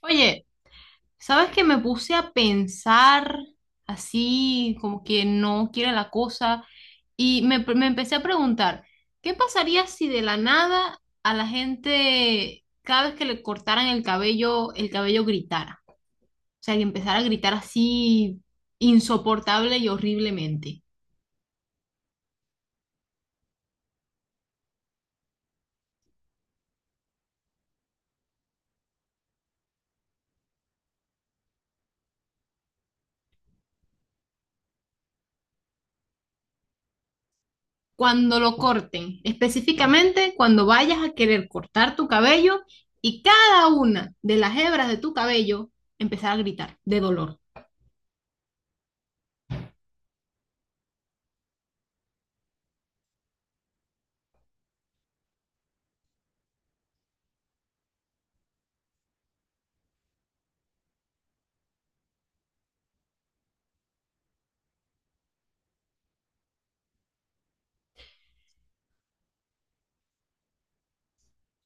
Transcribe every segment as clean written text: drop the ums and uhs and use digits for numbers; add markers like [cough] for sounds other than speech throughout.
Oye, ¿sabes que me puse a pensar así, como que no quiere la cosa? Y me empecé a preguntar, ¿qué pasaría si de la nada a la gente, cada vez que le cortaran el cabello gritara? O sea, que empezara a gritar así insoportable y horriblemente. Cuando lo corten, específicamente cuando vayas a querer cortar tu cabello y cada una de las hebras de tu cabello empezara a gritar de dolor.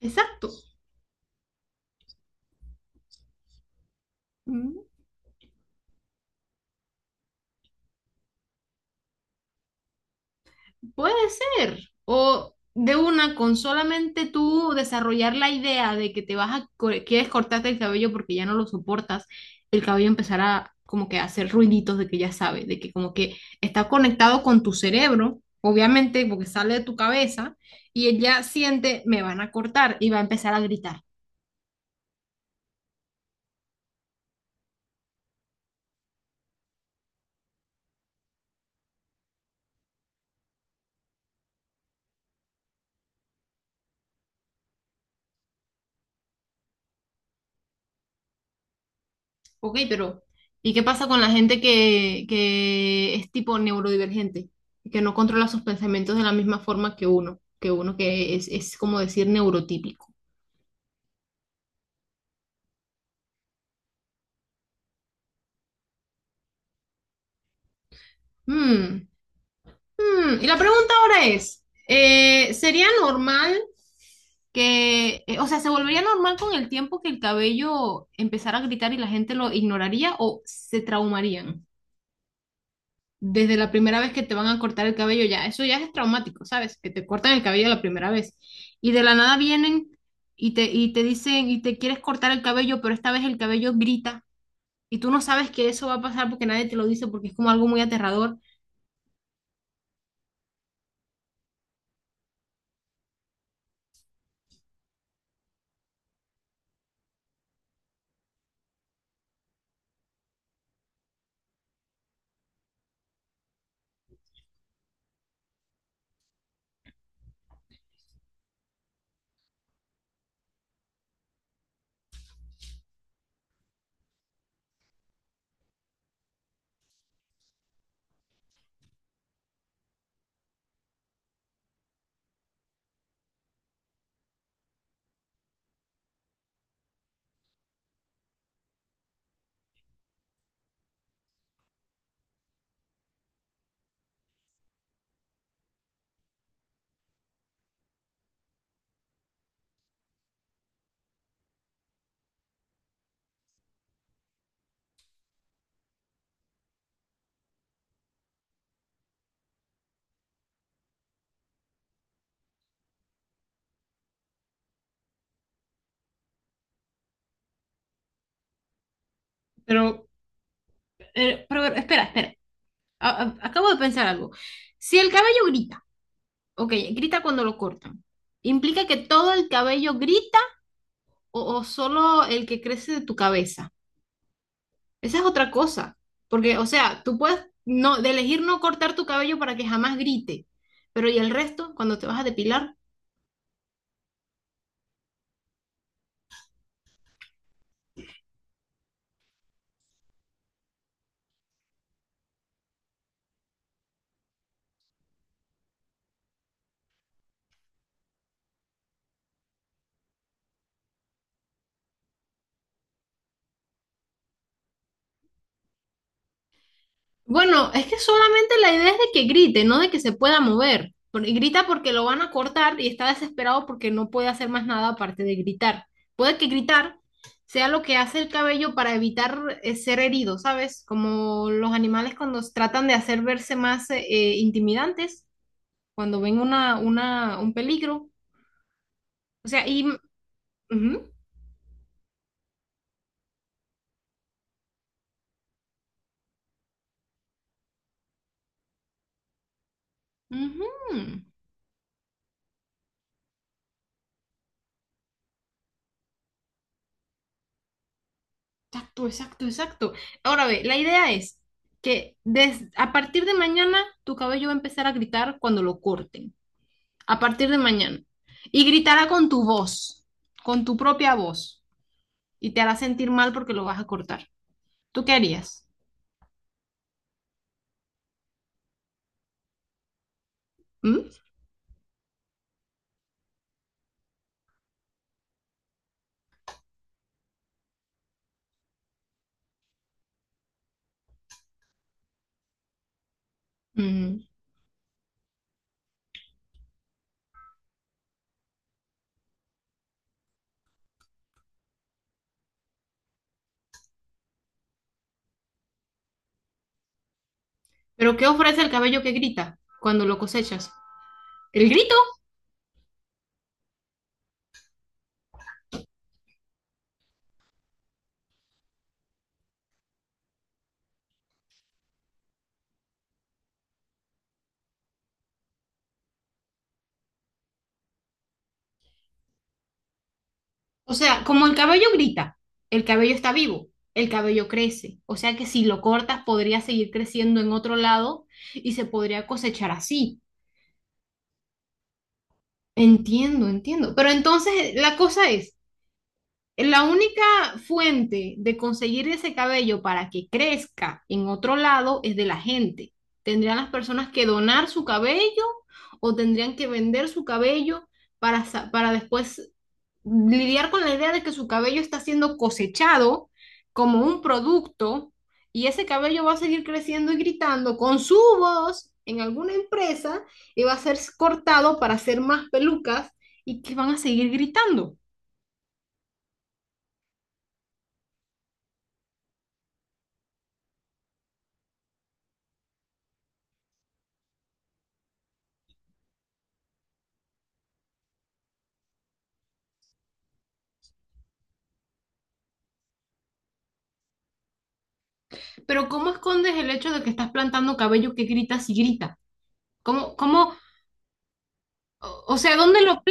Exacto. mm, Puede ser. O de una, con solamente tú desarrollar la idea de que te vas a, quieres cortarte el cabello porque ya no lo soportas, el cabello empezará como que a hacer ruiditos de que ya sabe, de que como que está conectado con tu cerebro, obviamente porque sale de tu cabeza, y él ya siente, me van a cortar y va a empezar a gritar. Ok, pero ¿y qué pasa con la gente que es tipo neurodivergente? Que no controla sus pensamientos de la misma forma que uno, que uno que es como decir neurotípico. Mm, mm. Y la pregunta ahora es, ¿sería normal que, o sea, se volvería normal con el tiempo que el cabello empezara a gritar y la gente lo ignoraría o se traumarían? Desde la primera vez que te van a cortar el cabello, ya, eso ya es traumático, ¿sabes? Que te cortan el cabello la primera vez. Y de la nada vienen y y te dicen, y te quieres cortar el cabello, pero esta vez el cabello grita. Y tú no sabes que eso va a pasar porque nadie te lo dice, porque es como algo muy aterrador. Pero, pero espera, espera. Acabo de pensar algo. Si el cabello grita, ok, grita cuando lo cortan, ¿implica que todo el cabello grita o solo el que crece de tu cabeza? Esa es otra cosa, porque, o sea, tú puedes no, de elegir no cortar tu cabello para que jamás grite, pero ¿y el resto cuando te vas a depilar? Bueno, es que solamente la idea es de que grite, no de que se pueda mover. Porque grita porque lo van a cortar y está desesperado porque no puede hacer más nada aparte de gritar. Puede que gritar sea lo que hace el cabello para evitar ser herido, ¿sabes? Como los animales cuando tratan de hacer verse más intimidantes, cuando ven un peligro. O sea, y... ujú. Ujú. Exacto, exacto, exacto. Ahora ve, la idea es que a partir de mañana tu cabello va a empezar a gritar cuando lo corten. A partir de mañana. Y gritará con tu voz, con tu propia voz. Y te hará sentir mal porque lo vas a cortar. ¿Tú qué harías? ¿Mm? Mm. ¿Pero qué ofrece el cabello que grita cuando lo cosechas? El grito. O sea, como el cabello grita, el cabello está vivo, el cabello crece. O sea que si lo cortas podría seguir creciendo en otro lado y se podría cosechar así. Entiendo, entiendo. Pero entonces la cosa es, la única fuente de conseguir ese cabello para que crezca en otro lado es de la gente. ¿Tendrían las personas que donar su cabello o tendrían que vender su cabello para, para después lidiar con la idea de que su cabello está siendo cosechado como un producto y ese cabello va a seguir creciendo y gritando con su voz en alguna empresa y va a ser cortado para hacer más pelucas y que van a seguir gritando? Pero ¿cómo escondes el hecho de que estás plantando cabello que grita si grita? ¿Cómo, cómo, o sea, ¿dónde lo,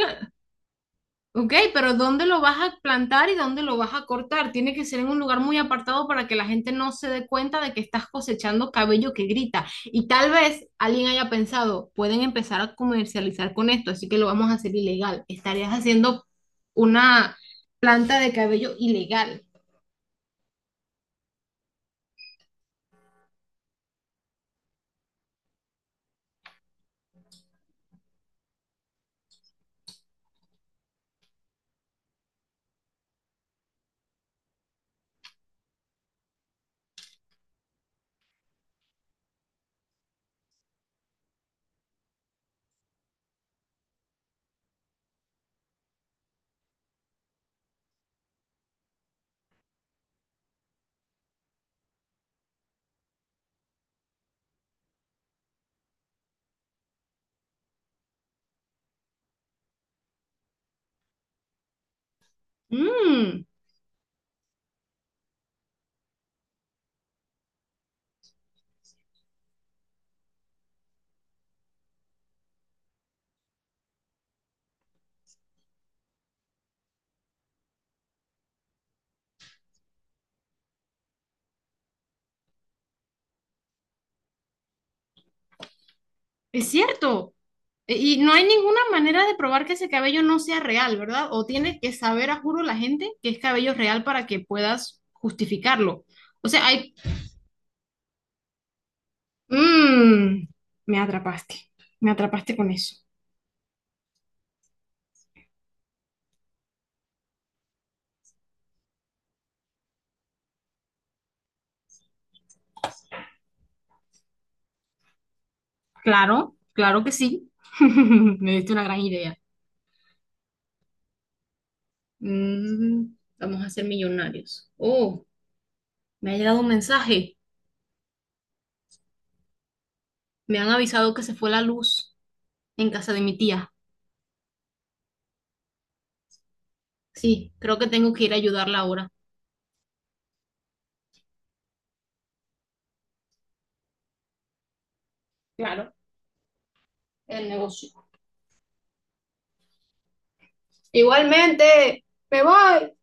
Ok, pero ¿dónde lo vas a plantar y dónde lo vas a cortar? Tiene que ser en un lugar muy apartado para que la gente no se dé cuenta de que estás cosechando cabello que grita. Y tal vez alguien haya pensado, pueden empezar a comercializar con esto, así que lo vamos a hacer ilegal. Estarías haciendo una planta de cabello ilegal. Mm, es cierto. Y no hay ninguna manera de probar que ese cabello no sea real, ¿verdad? O tiene que saber, a juro, la gente que es cabello real para que puedas justificarlo. O sea, hay... Mmm, me atrapaste. Me atrapaste con eso. Claro, claro que sí. [laughs] Me diste una gran idea. Mm, vamos a ser millonarios. Oh, me ha llegado un mensaje. Me han avisado que se fue la luz en casa de mi tía. Sí, creo que tengo que ir a ayudarla ahora. Claro, el negocio. Igualmente, me voy.